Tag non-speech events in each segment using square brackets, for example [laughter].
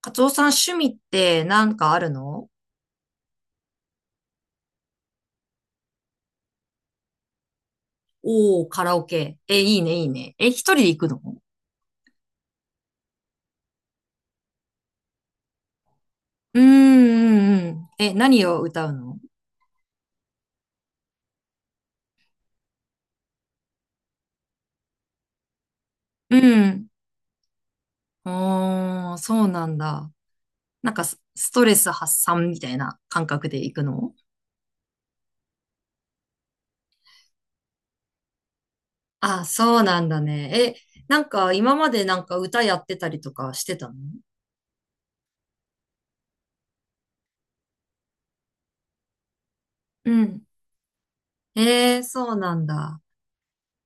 カツオさん、趣味ってなんかあるの？おー、カラオケ。え、いいね、いいね。え、一人で行くの？うーん、うん、うん。え、何を歌うの？うん。おー、そうなんだ。なんかストレス発散みたいな感覚で行くの？あ、そうなんだね。え、なんか今までなんか歌やってたりとかしてたの？うん。えー、そうなんだ。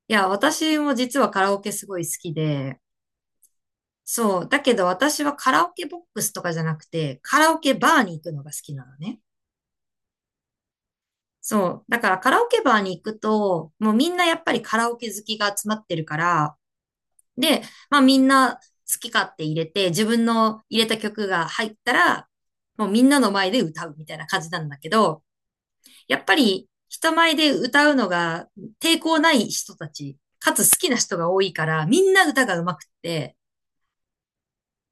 いや、私も実はカラオケすごい好きで、そう。だけど私はカラオケボックスとかじゃなくて、カラオケバーに行くのが好きなのね。そう。だからカラオケバーに行くと、もうみんなやっぱりカラオケ好きが集まってるから、で、まあみんな好き勝手入れて、自分の入れた曲が入ったら、もうみんなの前で歌うみたいな感じなんだけど、やっぱり人前で歌うのが抵抗ない人たち、かつ好きな人が多いから、みんな歌が上手くって、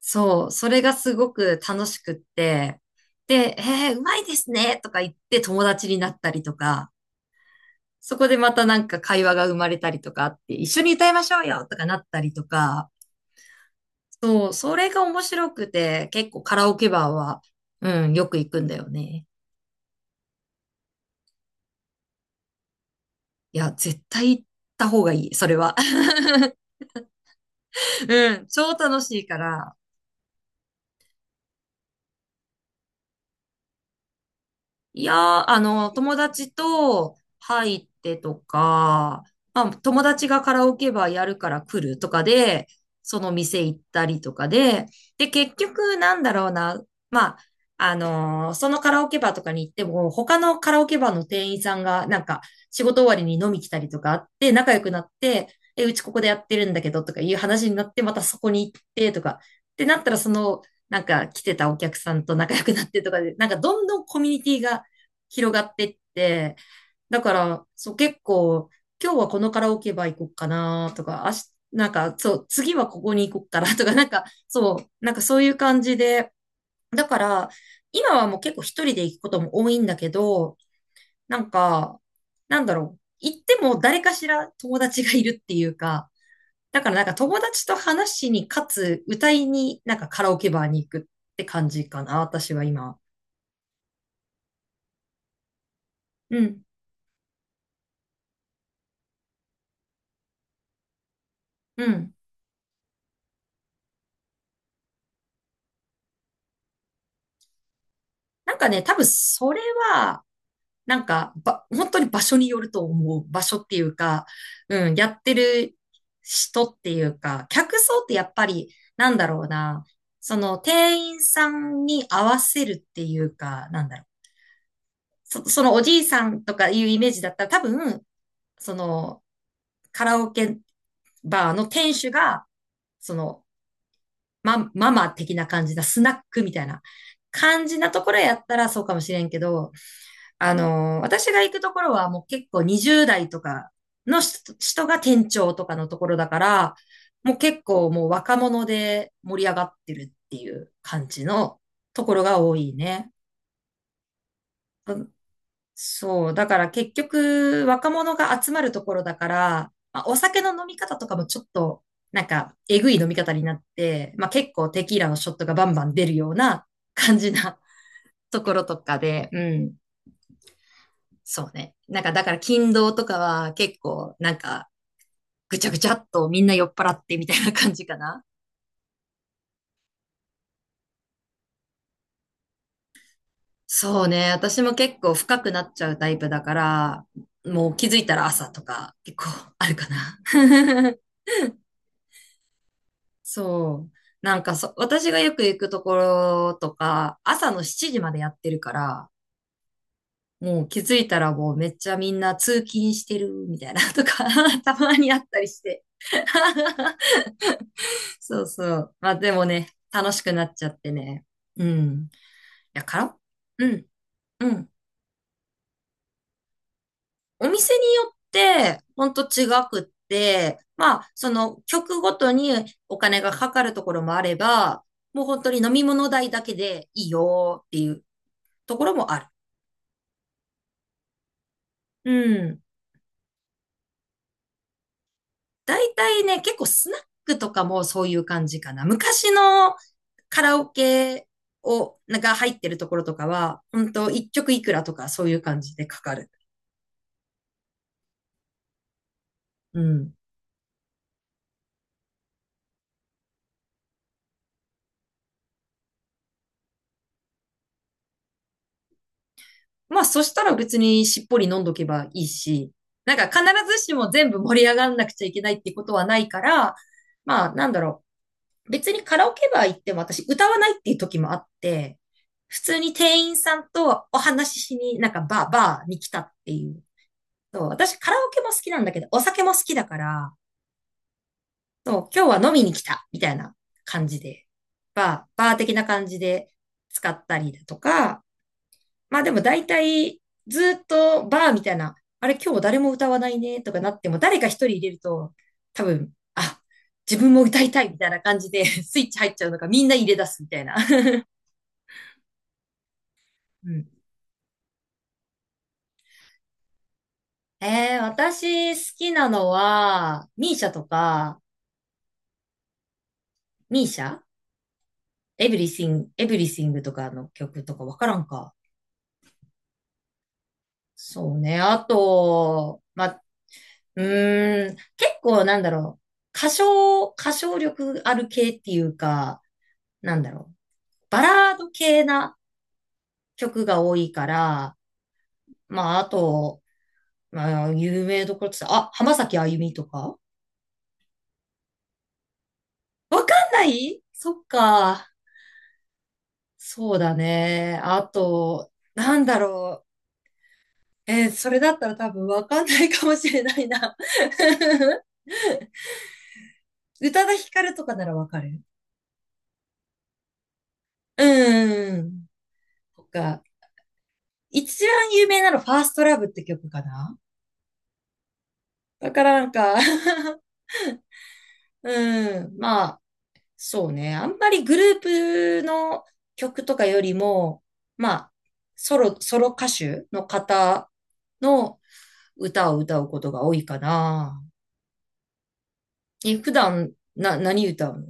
そう、それがすごく楽しくって、で、うまいですねとか言って友達になったりとか、そこでまたなんか会話が生まれたりとかあって、一緒に歌いましょうよとかなったりとか、そう、それが面白くて、結構カラオケバーは、うん、よく行くんだよね。いや、絶対行った方がいい、それは。[laughs] うん、超楽しいから。いやー、あの、友達と入ってとか、まあ、友達がカラオケバーやるから来るとかで、その店行ったりとかで、で、結局なんだろうな、まあ、そのカラオケバーとかに行っても、他のカラオケバーの店員さんが、なんか、仕事終わりに飲み来たりとかあって、仲良くなって、え、うちここでやってるんだけどとかいう話になって、またそこに行ってとか、ってなったら、その、なんか来てたお客さんと仲良くなってとかで、なんかどんどんコミュニティが広がってって、だから、そう、結構、今日はこのカラオケバー行こうかなとか、あしなんか、そう、次はここに行こうかな [laughs] とか、なんか、そう、なんかそういう感じで、だから、今はもう結構一人で行くことも多いんだけど、なんか、なんだろう、行っても誰かしら友達がいるっていうか、だからなんか友達と話しに、かつ歌いに、なんかカラオケバーに行くって感じかな、私は今。うん、うん。なんかね、多分それは、なんか、本当に場所によると思う。場所っていうか、うん、やってる人っていうか、客層ってやっぱり、なんだろうな、その店員さんに合わせるっていうか、なんだろう。そのおじいさんとかいうイメージだったら多分、そのカラオケバーの店主が、その、ママ的な感じだ、スナックみたいな感じなところやったらそうかもしれんけど、私が行くところはもう結構20代とかの人が店長とかのところだから、もう結構もう若者で盛り上がってるっていう感じのところが多いね。うん、そう。だから結局若者が集まるところだから、まあ、お酒の飲み方とかもちょっとなんかえぐい飲み方になって、まあ結構テキーラのショットがバンバン出るような感じなところとかで、うん。そうね。なんかだから勤労とかは結構なんかぐちゃぐちゃっとみんな酔っ払ってみたいな感じかな。そうね。私も結構深くなっちゃうタイプだから、もう気づいたら朝とか結構あるかな。[laughs] そう。なんか私がよく行くところとか、朝の7時までやってるから、もう気づいたらもうめっちゃみんな通勤してるみたいなとか [laughs] たまにあったりして。[laughs] そうそう。まあでもね、楽しくなっちゃってね。うん。いや、うん、うん。お店によって、ほんと違くって、まあ、その曲ごとにお金がかかるところもあれば、もう本当に飲み物代だけでいいよっていうところもある。うん。だいたいね、結構スナックとかもそういう感じかな。昔のカラオケが入ってるところとかは、本当一曲いくらとかそういう感じでかかる。うん。まあ、そしたら別にしっぽり飲んどけばいいし、なんか必ずしも全部盛り上がんなくちゃいけないってことはないから、まあ、なんだろう。別にカラオケバー行っても私歌わないっていう時もあって、普通に店員さんとお話ししに、なんかバーに来たっていう。そう、私カラオケも好きなんだけど、お酒も好きだから、そう、今日は飲みに来た、みたいな感じで、バー的な感じで使ったりだとか、まあでも大体ずっとバーみたいな、あれ今日誰も歌わないねとかなっても誰か一人入れると多分、あ、自分も歌いたいみたいな感じで [laughs] スイッチ入っちゃうのかみんな入れ出すみたいな。[laughs] うん。私好きなのは、ミーシャとか、ミーシャエブリシングとかの曲とかわからんか。そうね。あと、う結構なんだろう。歌唱力ある系っていうか、なんだろう。バラード系な曲が多いから、まあ、あと、まあ、有名どころって言ったら、あ、浜崎あゆみとか、わかんない、そっか。そうだね。あと、なんだろう。それだったら多分わかんないかもしれないな。[laughs] 宇多田ヒカルとかならわかる？うん。とか、一番有名なのファーストラブって曲かな？だからなんか [laughs] うん。そうね。あんまりグループの曲とかよりも、まあ、ソロ歌手の方の歌を歌うことが多いかな。え、普段、何歌うの？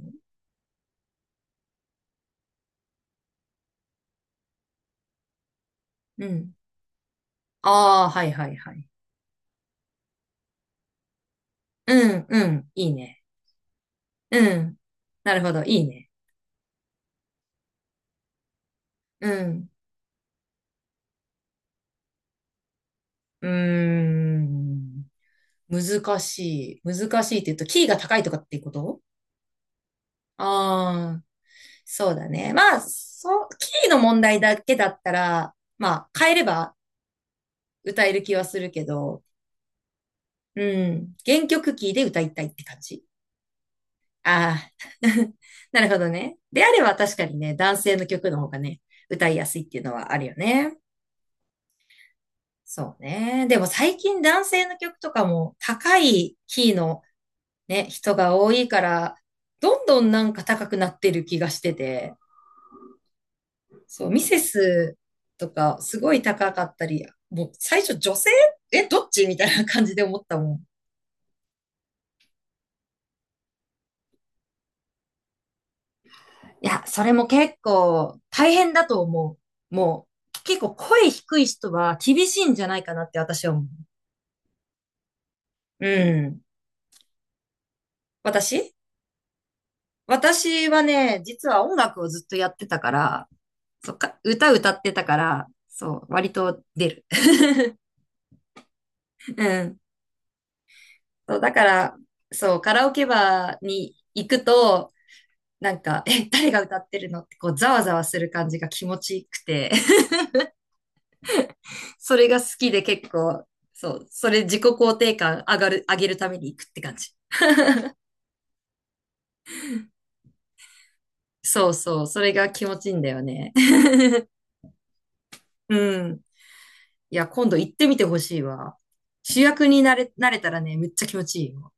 うん。ああ、はいはいはい。うん、うん、いいね。うん。なるほど、いいね。うん。うーん。難しい。難しいって言うと、キーが高いとかっていうこと？あ、そうだね。まあ、そう、キーの問題だけだったら、まあ、変えれば歌える気はするけど、うん、原曲キーで歌いたいって感じ。ああ、[laughs] なるほどね。であれば確かにね、男性の曲の方がね、歌いやすいっていうのはあるよね。そうね。でも最近男性の曲とかも高いキーのね、人が多いから、どんどんなんか高くなってる気がしてて、そう、ミセスとかすごい高かったり、もう最初女性？え、どっちみたいな感じで思ったもん。いや、それも結構大変だと思う。もう、結構声低い人は厳しいんじゃないかなって私は思う。うん。私私はね、実は音楽をずっとやってたから、そうか、歌歌ってたから、そう、割と出る。[laughs] うん。そう、だから、そう、カラオケバーに行くと、なんか、[laughs] え、誰が歌ってるのってこう、ざわざわする感じが気持ちいくて、[laughs] それが好きで結構、そう、それ自己肯定感上がる、上げるために行くって感じ。そうそう、それが気持ちいいんだよね。[laughs] うん。いや、今度行ってみてほしいわ。主役になれたらね、めっちゃ気持ちいいよ。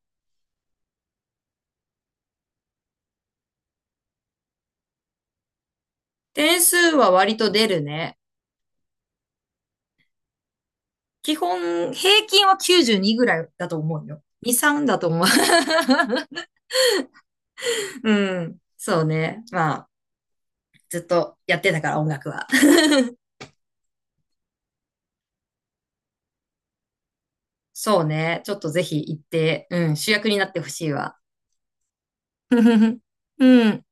点数は割と出るね。基本、平均は92ぐらいだと思うよ。2、3だと思う。[laughs] うん。そうね。まあ、ずっとやってたから、音楽は。そうね。ちょっとぜひ行って、うん、主役になってほしいわ。[laughs] うん。